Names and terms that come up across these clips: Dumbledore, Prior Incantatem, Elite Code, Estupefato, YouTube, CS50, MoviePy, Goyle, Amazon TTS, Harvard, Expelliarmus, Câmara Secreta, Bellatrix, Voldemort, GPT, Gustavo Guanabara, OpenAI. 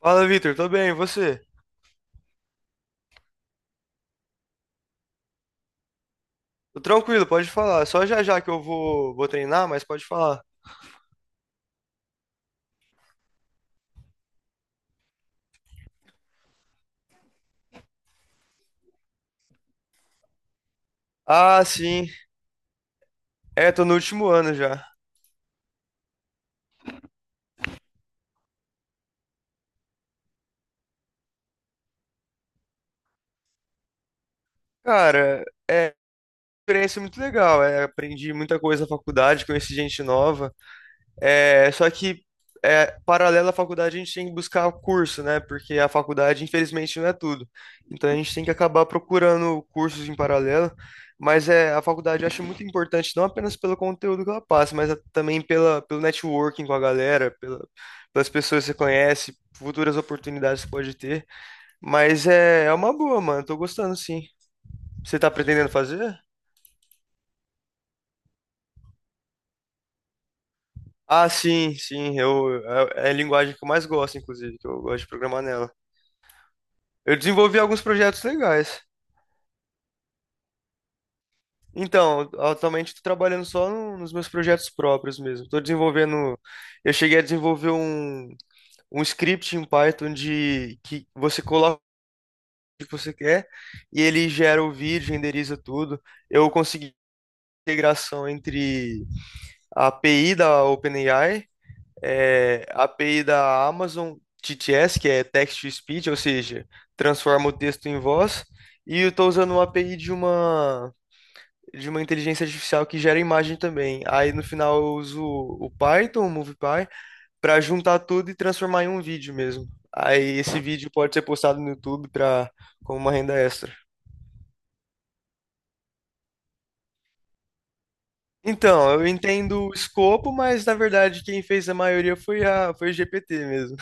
Fala, Vitor, tô bem, e você? Tô tranquilo, pode falar. Só já já que eu vou treinar, mas pode falar. Ah, sim. Tô no último ano já. Cara, é uma experiência muito legal. Aprendi muita coisa na faculdade, conheci gente nova. É, só que paralelo à faculdade a gente tem que buscar curso, né? Porque a faculdade, infelizmente, não é tudo. Então a gente tem que acabar procurando cursos em paralelo. A faculdade eu acho muito importante, não apenas pelo conteúdo que ela passa, mas também pelo networking com a galera, pelas pessoas que você conhece, futuras oportunidades que pode ter. É uma boa, mano. Tô gostando, sim. Você tá pretendendo fazer? Ah, sim, sim. É a linguagem que eu mais gosto, inclusive, que eu gosto de programar nela. Eu desenvolvi alguns projetos legais. Então, atualmente estou trabalhando só nos meus projetos próprios mesmo. Estou desenvolvendo. Eu cheguei a desenvolver um script em Python de que você coloca o que você quer e ele gera o vídeo, renderiza tudo. Eu consegui integração entre a API da OpenAI, a API da Amazon TTS, que é Text to Speech, ou seja, transforma o texto em voz, e eu estou usando uma API de uma inteligência artificial que gera imagem também. Aí no final eu uso o Python, o MoviePy, para juntar tudo e transformar em um vídeo mesmo. Aí esse vídeo pode ser postado no YouTube para como uma renda extra. Então, eu entendo o escopo, mas na verdade quem fez a maioria foi o GPT mesmo.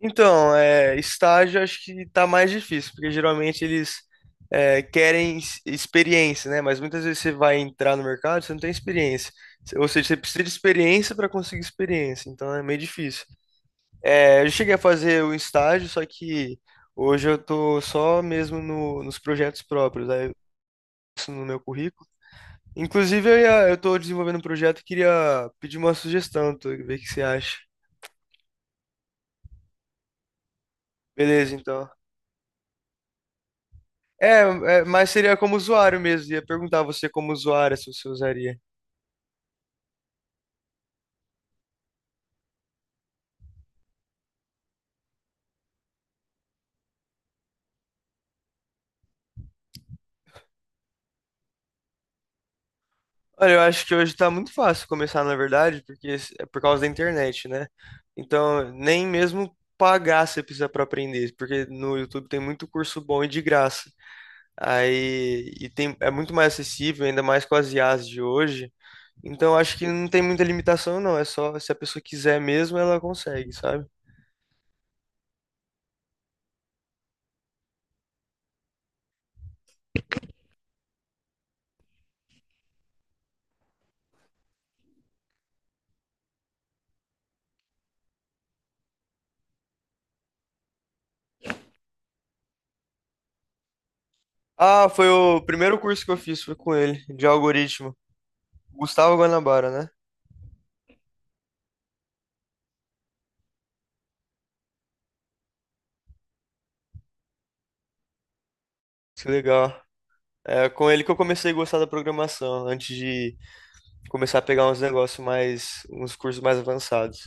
Então, é, estágio acho que tá mais difícil, porque geralmente eles querem experiência, né? Mas muitas vezes você vai entrar no mercado, você não tem experiência. Ou seja, você precisa de experiência para conseguir experiência, então é meio difícil. É, eu cheguei a fazer o estágio, só que hoje eu tô só mesmo nos projetos próprios, aí isso no meu currículo. Inclusive, eu tô desenvolvendo um projeto e queria pedir uma sugestão, tu, ver o que você acha. Beleza, então. É, mas seria como usuário mesmo. Ia perguntar a você como usuário se você usaria. Olha, eu acho que hoje tá muito fácil começar, na verdade, porque é por causa da internet, né? Então, nem mesmo pagar você precisa para aprender, porque no YouTube tem muito curso bom e de graça. É muito mais acessível, ainda mais com as IAs de hoje. Então, acho que não tem muita limitação, não. É só se a pessoa quiser mesmo, ela consegue, sabe? Ah, foi o primeiro curso que eu fiz, foi com ele, de algoritmo. Gustavo Guanabara, né? Que legal. É com ele que eu comecei a gostar da programação, antes de começar a pegar uns negócios mais, uns cursos mais avançados.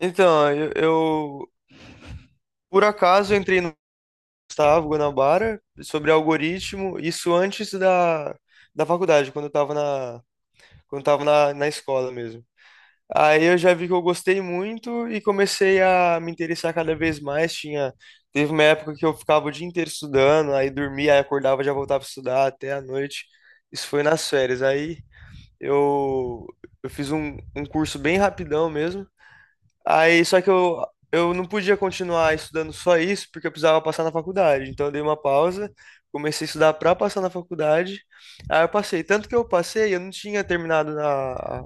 Então, por acaso eu entrei no Gustavo Guanabara sobre algoritmo, isso antes da faculdade, quando eu tava quando eu tava na escola mesmo. Aí eu já vi que eu gostei muito e comecei a me interessar cada vez mais. Teve uma época que eu ficava o dia inteiro estudando, aí dormia, aí acordava, já voltava a estudar até a noite. Isso foi nas férias. Eu, eu fiz um curso bem rapidão mesmo. Aí só que eu não podia continuar estudando só isso, porque eu precisava passar na faculdade. Então eu dei uma pausa, comecei a estudar para passar na faculdade. Aí eu passei. Tanto que eu passei, eu não tinha terminado na.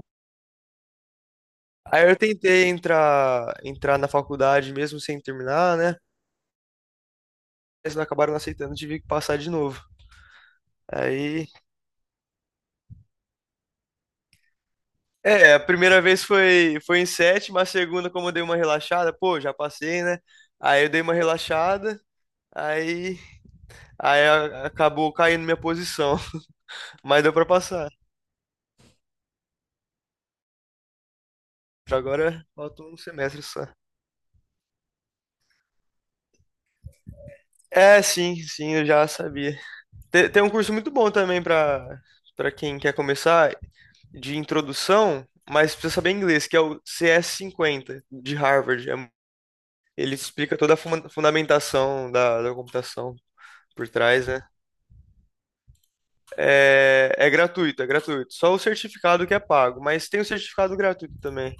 Aí eu tentei entrar na faculdade mesmo sem terminar, né? Eles acabaram não aceitando, tive que passar de novo. Aí, é, a primeira vez foi em sétima, a segunda, como eu dei uma relaxada, pô, já passei, né? Aí eu dei uma relaxada, aí, aí acabou caindo minha posição, mas deu pra passar. Pra agora falta um semestre só. É, sim, sim, eu já sabia. Tem um curso muito bom também pra para quem quer começar, de introdução, mas precisa saber inglês, que é o CS50 de Harvard. É- Ele explica toda a fundamentação da computação por trás, né? É, é gratuito, é gratuito. Só o certificado que é pago, mas tem o certificado gratuito também.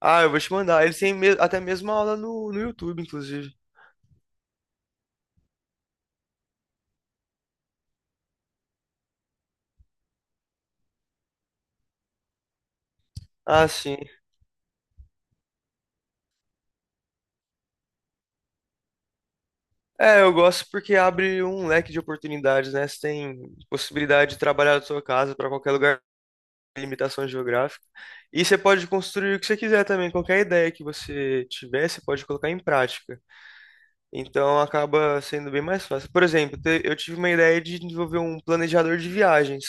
Ah, eu vou te mandar. Eles têm até mesmo aula no YouTube, inclusive. Ah, sim. É, eu gosto porque abre um leque de oportunidades, né? Você tem possibilidade de trabalhar da sua casa para qualquer lugar, limitação geográfica. E você pode construir o que você quiser também, qualquer ideia que você tiver, você pode colocar em prática. Então acaba sendo bem mais fácil. Por exemplo, eu tive uma ideia de desenvolver um planejador de viagens,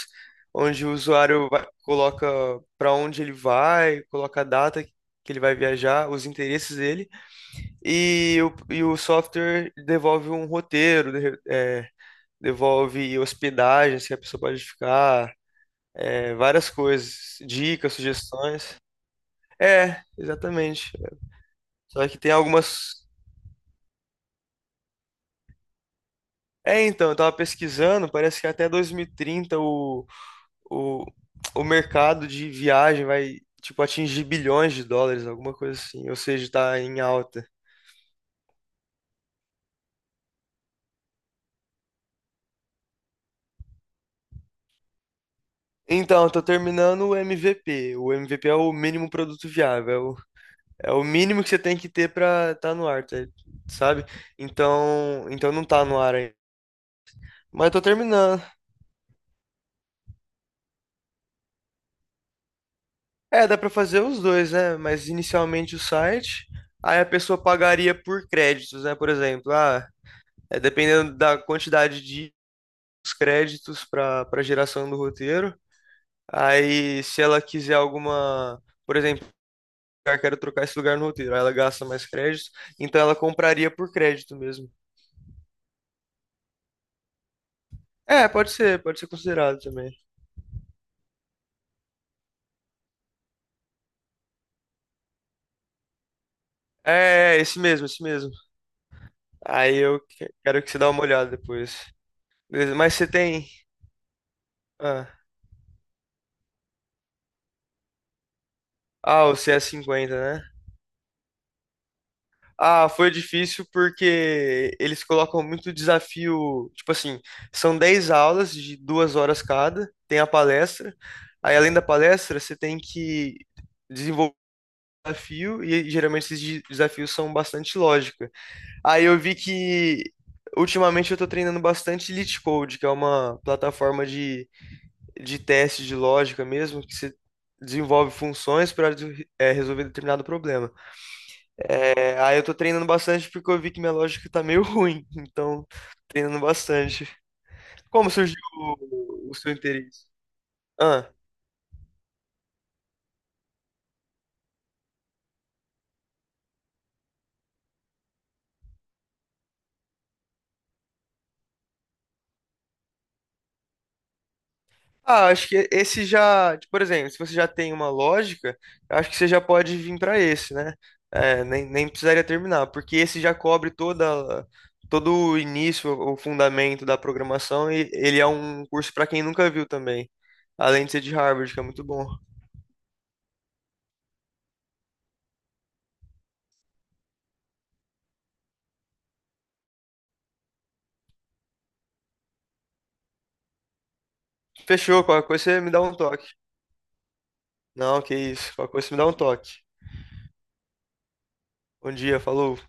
onde o usuário coloca para onde ele vai, coloca a data que ele vai viajar, os interesses dele, e o software devolve um roteiro, devolve hospedagens que a pessoa pode ficar, é, várias coisas, dicas, sugestões. É, exatamente. Só que tem algumas. É, então, eu tava pesquisando, parece que até 2030 o, o mercado de viagem vai, tipo, atingir bilhões de dólares, alguma coisa assim. Ou seja, tá em alta. Então, eu tô terminando o MVP. O MVP é o mínimo produto viável. É o mínimo que você tem que ter pra tá no ar, tá, sabe? Então, então não tá no ar ainda. Mas eu tô terminando. É, dá pra fazer os dois, né? Mas inicialmente o site, aí a pessoa pagaria por créditos, né? Por exemplo, ah, é dependendo da quantidade de créditos para geração do roteiro. Aí, se ela quiser alguma, por exemplo, eu quero trocar esse lugar no roteiro, aí ela gasta mais créditos, então ela compraria por crédito mesmo. É, pode ser considerado também. É, esse mesmo, esse mesmo. Aí eu quero que você dá uma olhada depois. Beleza, mas você tem. Ah, o CS50. Ah, foi difícil porque eles colocam muito desafio. Tipo assim, são 10 aulas de 2 horas cada, tem a palestra. Aí, além da palestra, você tem que desenvolver um desafio, e geralmente esses desafios são bastante lógica. Aí eu vi que ultimamente eu tô treinando bastante Elite Code, que é uma plataforma de teste de lógica mesmo, que você desenvolve funções para resolver determinado problema. É, aí eu tô treinando bastante porque eu vi que minha lógica tá meio ruim, então treinando bastante. Como surgiu o seu interesse? Ah, acho que esse já, tipo por exemplo, se você já tem uma lógica, eu acho que você já pode vir pra esse, né? É, nem precisaria terminar, porque esse já cobre todo o início, o fundamento da programação e ele é um curso pra quem nunca viu também. Além de ser de Harvard, que é muito bom. Fechou, qualquer coisa você me dá um toque. Não, que isso, qualquer coisa você me dá um toque. Bom dia, falou.